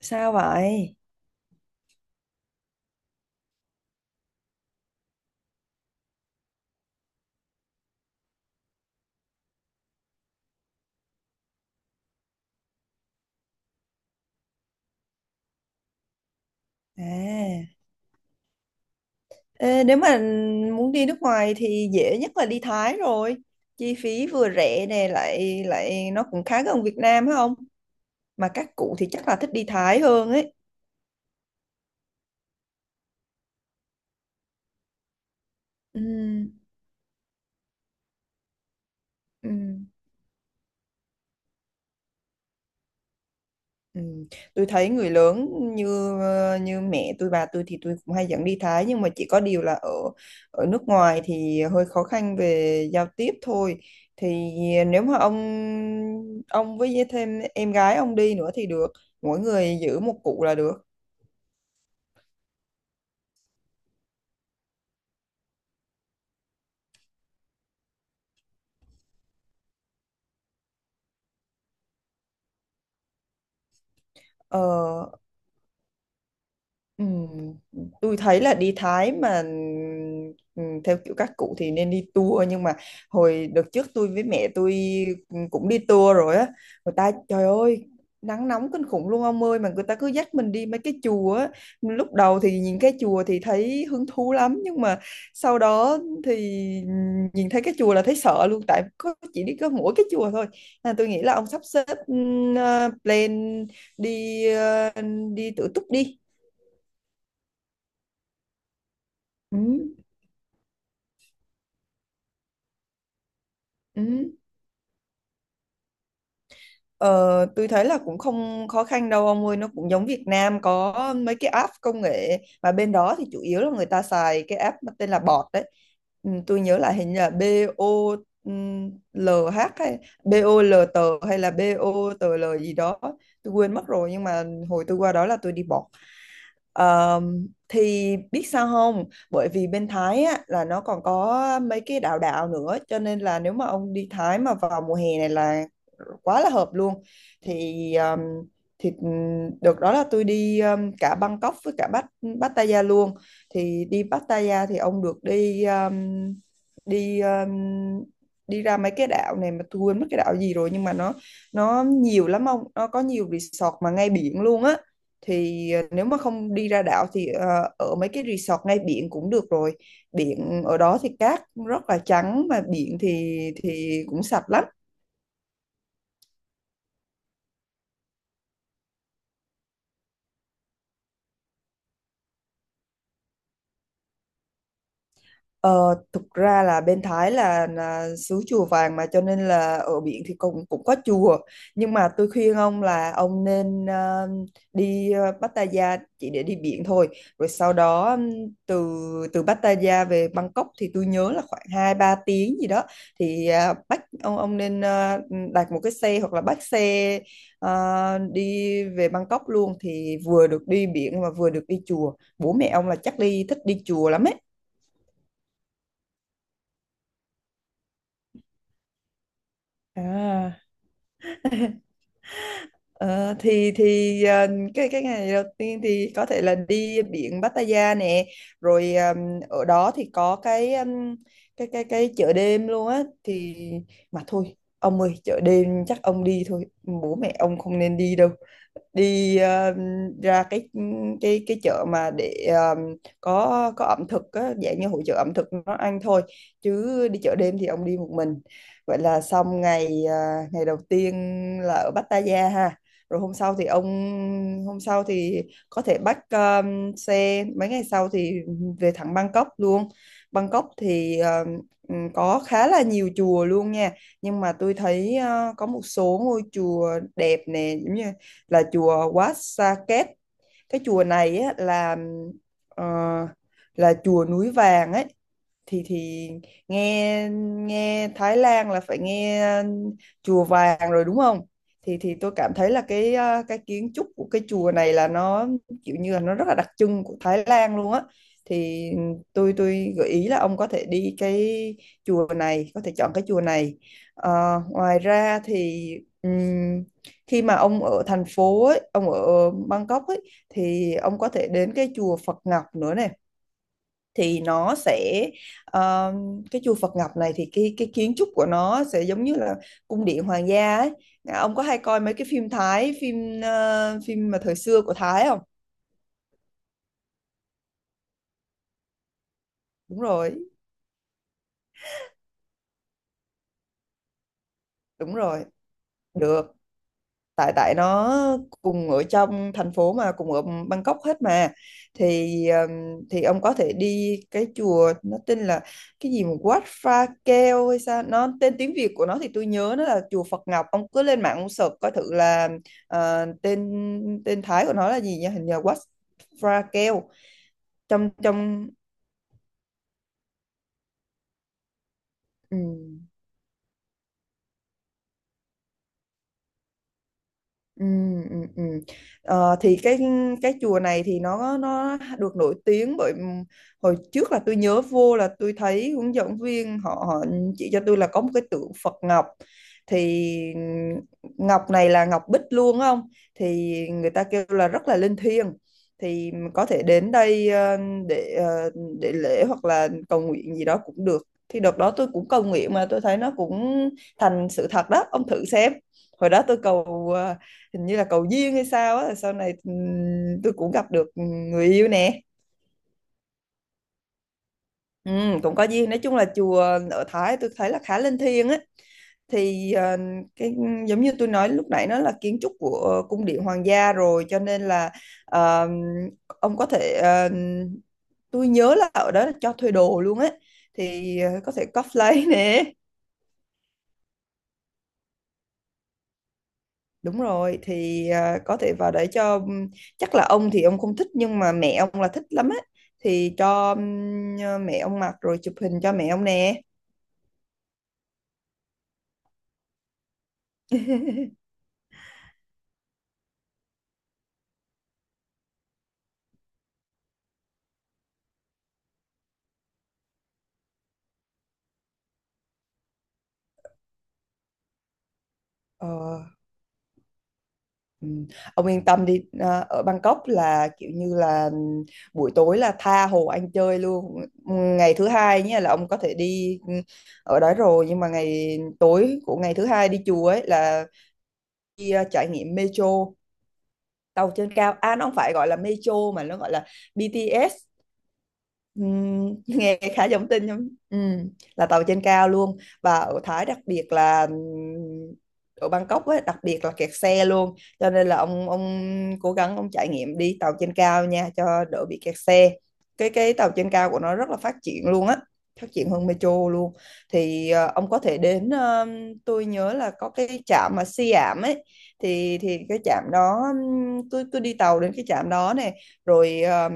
Sao vậy? À, Nếu mà muốn đi nước ngoài thì dễ nhất là đi Thái rồi. Chi phí vừa rẻ nè lại lại nó cũng khá gần Việt Nam phải không? Mà các cụ thì chắc là thích đi Thái hơn ấy. Ừ, ừ. Ừ. Tôi thấy người lớn như như mẹ tôi bà tôi thì tôi cũng hay dẫn đi Thái, nhưng mà chỉ có điều là ở ở nước ngoài thì hơi khó khăn về giao tiếp thôi. Thì nếu mà ông với thêm em gái ông đi nữa thì được, mỗi người giữ một cụ là được. ờ Ừ, tôi thấy là đi Thái mà, ừ, theo kiểu các cụ thì nên đi tour, nhưng mà hồi đợt trước tôi với mẹ tôi cũng đi tour rồi á. Người ta trời ơi, nắng nóng kinh khủng luôn ông ơi, mà người ta cứ dắt mình đi mấy cái chùa á. Lúc đầu thì nhìn cái chùa thì thấy hứng thú lắm, nhưng mà sau đó thì nhìn thấy cái chùa là thấy sợ luôn, tại có chỉ đi có mỗi cái chùa thôi. Nên tôi nghĩ là ông sắp xếp plan đi đi tự túc đi. Ừ. Ừ. Ờ, tôi thấy là cũng không khó khăn đâu ông ơi, nó cũng giống Việt Nam, có mấy cái app công nghệ, mà bên đó thì chủ yếu là người ta xài cái app mà tên là bọt đấy. Ừ, tôi nhớ là hình như là BOLH hay bê O BOLT hay là bê O BOTL gì đó, tôi quên mất rồi, nhưng mà hồi tôi qua đó là tôi đi bọt. Ờ, thì biết sao không? Bởi vì bên Thái á, là nó còn có mấy cái đảo đảo nữa, cho nên là nếu mà ông đi Thái mà vào mùa hè này là quá là hợp luôn. Thì um, thì Được đó, là tôi đi cả Bangkok với cả Pattaya luôn. Thì đi Pattaya thì ông được đi đi đi ra mấy cái đảo này, mà tôi quên mất cái đảo gì rồi, nhưng mà nó nhiều lắm ông, nó có nhiều resort mà ngay biển luôn á. Thì ờ, nếu mà không đi ra đảo thì ở mấy cái resort ngay biển cũng được rồi. Biển ở đó thì cát rất là trắng, mà biển thì cũng sạch lắm. Ờ, thực ra là bên Thái là xứ chùa vàng, mà cho nên là ở biển thì cũng cũng có chùa, nhưng mà tôi khuyên ông là ông nên đi Pattaya chỉ để đi biển thôi, rồi sau đó từ từ Pattaya về Bangkok thì tôi nhớ là khoảng 2 3 tiếng gì đó. Thì à, bắt ông nên đặt một cái xe hoặc là bắt xe đi về Bangkok luôn, thì vừa được đi biển mà vừa được đi chùa, bố mẹ ông là chắc đi thích đi chùa lắm ấy. à. Ờ, cái ngày đầu tiên thì có thể là đi biển Pattaya nè, rồi ở đó thì có cái cái chợ đêm luôn á. Thì mà thôi ông ơi, chợ đêm chắc ông đi thôi, bố mẹ ông không nên đi đâu. Đi ra cái chợ mà để có ẩm thực á, dạng như hội chợ ẩm thực nó, ăn thôi, chứ đi chợ đêm thì ông đi một mình. Vậy là xong ngày ngày đầu tiên là ở Pattaya ha. Rồi hôm sau thì có thể bắt xe mấy ngày sau thì về thẳng Bangkok luôn. Bangkok thì có khá là nhiều chùa luôn nha, nhưng mà tôi thấy ờ, có một số ngôi chùa đẹp nè, giống như là chùa Wat Saket. Cái chùa này á, là ờ, là chùa núi vàng ấy. Thì nghe Nghe Thái Lan là phải nghe chùa vàng rồi đúng không. Thì thì Tôi cảm thấy là cái à, cái kiến trúc của cái chùa này là nó kiểu như là nó rất là đặc trưng của Thái Lan luôn á. Thì tôi gợi ý là ông có thể đi cái chùa này, có thể chọn cái chùa này. Ờ, ngoài ra thì ừm, khi mà ông ở thành phố ấy, ông ở Bangkok ấy, thì ông có thể đến cái chùa Phật Ngọc nữa này. Thì nó sẽ ờ, cái chùa Phật Ngọc này thì cái kiến trúc của nó sẽ giống như là cung điện hoàng gia ấy. À, ông có hay coi mấy cái phim Thái, phim phim mà thời xưa của Thái không? Đúng rồi, đúng rồi. Được. Tại tại nó cùng ở trong thành phố mà, cùng ở Bangkok hết mà. Thì thì ông có thể đi cái chùa nó tên là cái gì mà Wat Pha Keo hay sao, nó tên tiếng Việt của nó thì tôi nhớ nó là chùa Phật Ngọc. Ông cứ lên mạng ông search coi thử là ờ, tên tên Thái của nó là gì nha, hình như Wat Pha Keo. Trong trong Ừ. Ừ, ừ, ừ. Ờ, thì cái chùa này thì nó được nổi tiếng bởi hồi trước là tôi nhớ vô là tôi thấy hướng dẫn viên họ họ chỉ cho tôi là có một cái tượng Phật Ngọc. Thì Ngọc này là Ngọc Bích luôn á không, thì người ta kêu là rất là linh thiêng. Thì có thể đến đây để ờ, để lễ hoặc là cầu nguyện gì đó cũng được. Thì đợt đó tôi cũng cầu nguyện mà tôi thấy nó cũng thành sự thật đó, ông thử xem. Hồi đó tôi cầu hình như là cầu duyên hay sao á, sau này tôi cũng gặp được người yêu nè. Ừ, cũng có duyên, nói chung là chùa ở Thái tôi thấy là khá linh thiêng á. Thì ờ, cái giống như tôi nói lúc nãy, nó là kiến trúc của cung điện hoàng gia rồi, cho nên là ờ, ông có thể tôi nhớ là ở đó là cho thuê đồ luôn á. Thì ờ, có thể cosplay nè. Đúng rồi, thì à, có thể vào để cho, chắc là ông thì ông không thích, nhưng mà mẹ ông là thích lắm á. Thì cho mẹ ông mặc rồi chụp hình cho mẹ ông nè. ờ, ừm, ông yên tâm đi, à, ở Bangkok là kiểu như là buổi tối là tha hồ ăn chơi luôn. Ngày thứ hai nhé, là ông có thể đi ở đó rồi, nhưng mà ngày tối của ngày thứ hai đi chùa ấy, là đi à, trải nghiệm metro, tàu trên cao. À nó không phải gọi là metro mà nó gọi là BTS. Nghe khá giống tin nhưng là tàu trên cao luôn. Và ở Thái đặc biệt là ở Bangkok ấy, đặc biệt là kẹt xe luôn, cho nên là ông cố gắng ông trải nghiệm đi tàu trên cao nha cho đỡ bị kẹt xe. Cái tàu trên cao của nó rất là phát triển luôn á, phát triển hơn metro luôn. Thì ờ, ông có thể đến tôi nhớ là có cái trạm mà Siam ấy. Thì Cái trạm đó tôi đi tàu đến cái trạm đó này, rồi ờ,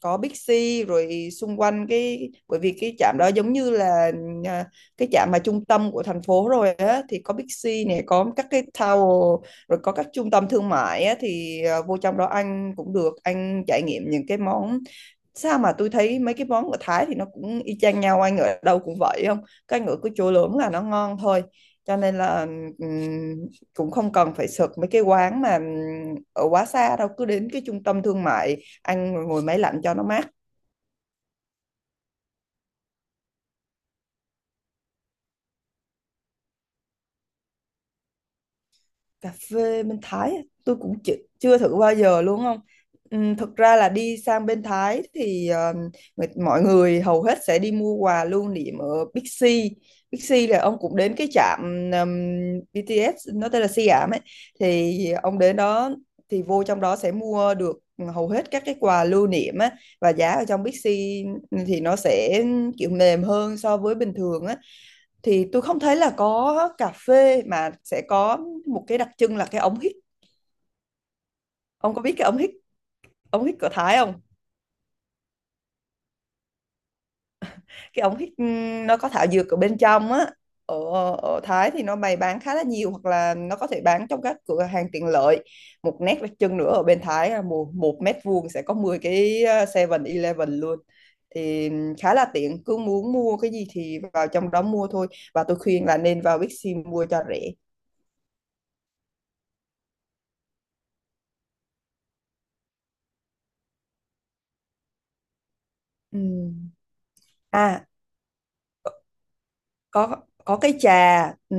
có Big C, rồi xung quanh cái, bởi vì cái trạm đó giống như là à, cái trạm mà trung tâm của thành phố rồi á, thì có Big C này, có các cái tower, rồi có các trung tâm thương mại á. Thì à, vô trong đó anh cũng được anh trải nghiệm những cái món. Sao mà tôi thấy mấy cái món ở Thái thì nó cũng y chang nhau, anh ở đâu cũng vậy không, cái ngựa cứ chỗ lớn là nó ngon thôi. Cho nên là ừm, cũng không cần phải sực mấy cái quán mà ở quá xa đâu, cứ đến cái trung tâm thương mại ăn rồi ngồi máy lạnh cho nó mát. Cà phê bên Thái á, tôi cũng chưa thử bao giờ luôn không. Thực ra là đi sang bên Thái thì mọi người hầu hết sẽ đi mua quà lưu niệm ở Big C. Big C là ông cũng đến cái trạm ừm, BTS nó tên là Siam ấy, thì ông đến đó thì vô trong đó sẽ mua được hầu hết các cái quà lưu niệm á. Và giá ở trong Big C thì nó sẽ kiểu mềm hơn so với bình thường á. Thì tôi không thấy là có cà phê, mà sẽ có một cái đặc trưng là cái ống hít. Ông có biết cái ống hít, ống hít của Thái không? Cái ống hít nó có thảo dược ở bên trong á. ở, Ở Thái thì nó bày bán khá là nhiều, hoặc là nó có thể bán trong các cửa hàng tiện lợi. Một nét đặc trưng nữa ở bên Thái là một mét vuông sẽ có 10 cái Seven eleven luôn. Thì khá là tiện, cứ muốn mua cái gì thì vào trong đó mua thôi. Và tôi khuyên là nên vào Bixi mua cho rẻ. Ừm. à. có có cái trà. Ừ,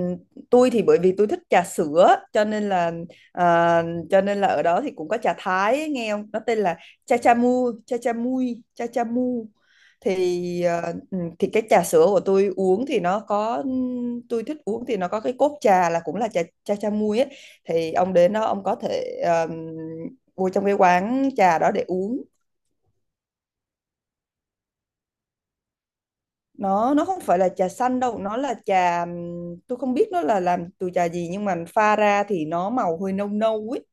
tôi thì bởi vì tôi thích trà sữa cho nên là à, cho nên là ở đó thì cũng có trà Thái ấy, nghe không, nó tên là cha cha mu, cha cha mui, cha cha mu. Thì thì cái trà sữa của tôi uống thì nó có tôi thích uống thì nó có cái cốt trà là cũng là trà cha cha mui ấy. Thì ông đến đó ông có thể vô trong cái quán trà đó để uống. Nó không phải là trà xanh đâu, nó là trà tôi không biết nó là làm từ trà gì, nhưng mà pha ra thì nó màu hơi nâu nâu ấy.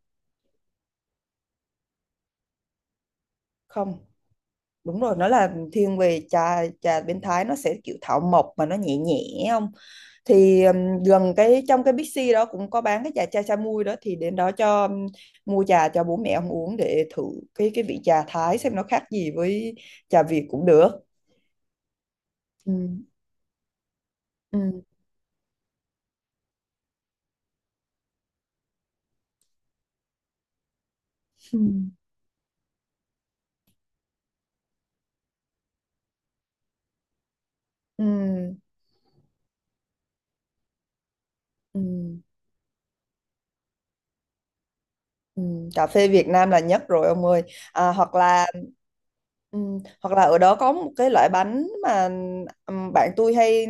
Không, đúng rồi, nó là thiên về trà, trà bên Thái nó sẽ kiểu thảo mộc mà nó nhẹ nhẹ không. Thì gần cái trong cái Bixi đó cũng có bán cái trà chai chai mui đó, thì đến đó cho mua trà cho bố mẹ ông uống để thử cái vị trà Thái xem nó khác gì với trà Việt cũng được. Ừ. Ừ. Ừ. Ừ. Ừ. Ừ, cà phê Việt Nam là nhất rồi ông ơi. À, hoặc là ừ, hoặc là ở đó có một cái loại bánh mà ừm, bạn tôi hay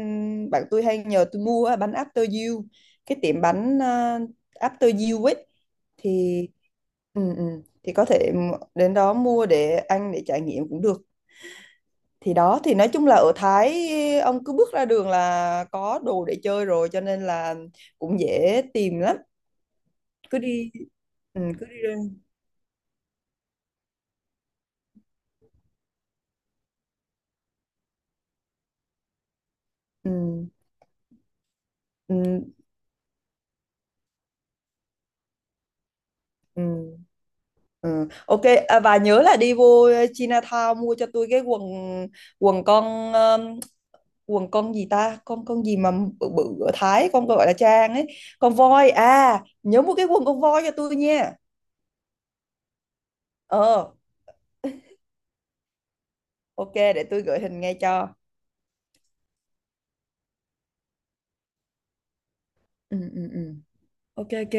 bạn tôi hay nhờ tôi mua á, bánh After You, cái tiệm bánh à, After You ấy. Thì ừ, ừ, thì có thể đến đó mua để ăn, để trải nghiệm cũng được. Thì đó, thì nói chung là ở Thái ông cứ bước ra đường là có đồ để chơi rồi, cho nên là cũng dễ tìm lắm. Cứ đi, ừ, cứ đi ra- Ừ. Ừ. Ừ. Ừ. Ok. À, và nhớ là đi vô Chinatown mua cho tôi cái quần, quần con um, quần con gì ta, con gì mà bự bự ở Thái con gọi là Trang ấy. Con voi, à nhớ mua cái quần con voi cho tôi nha. ờ. Ok, để tôi gửi hình ngay cho. Ừ, ừ, ừ. Ok ok.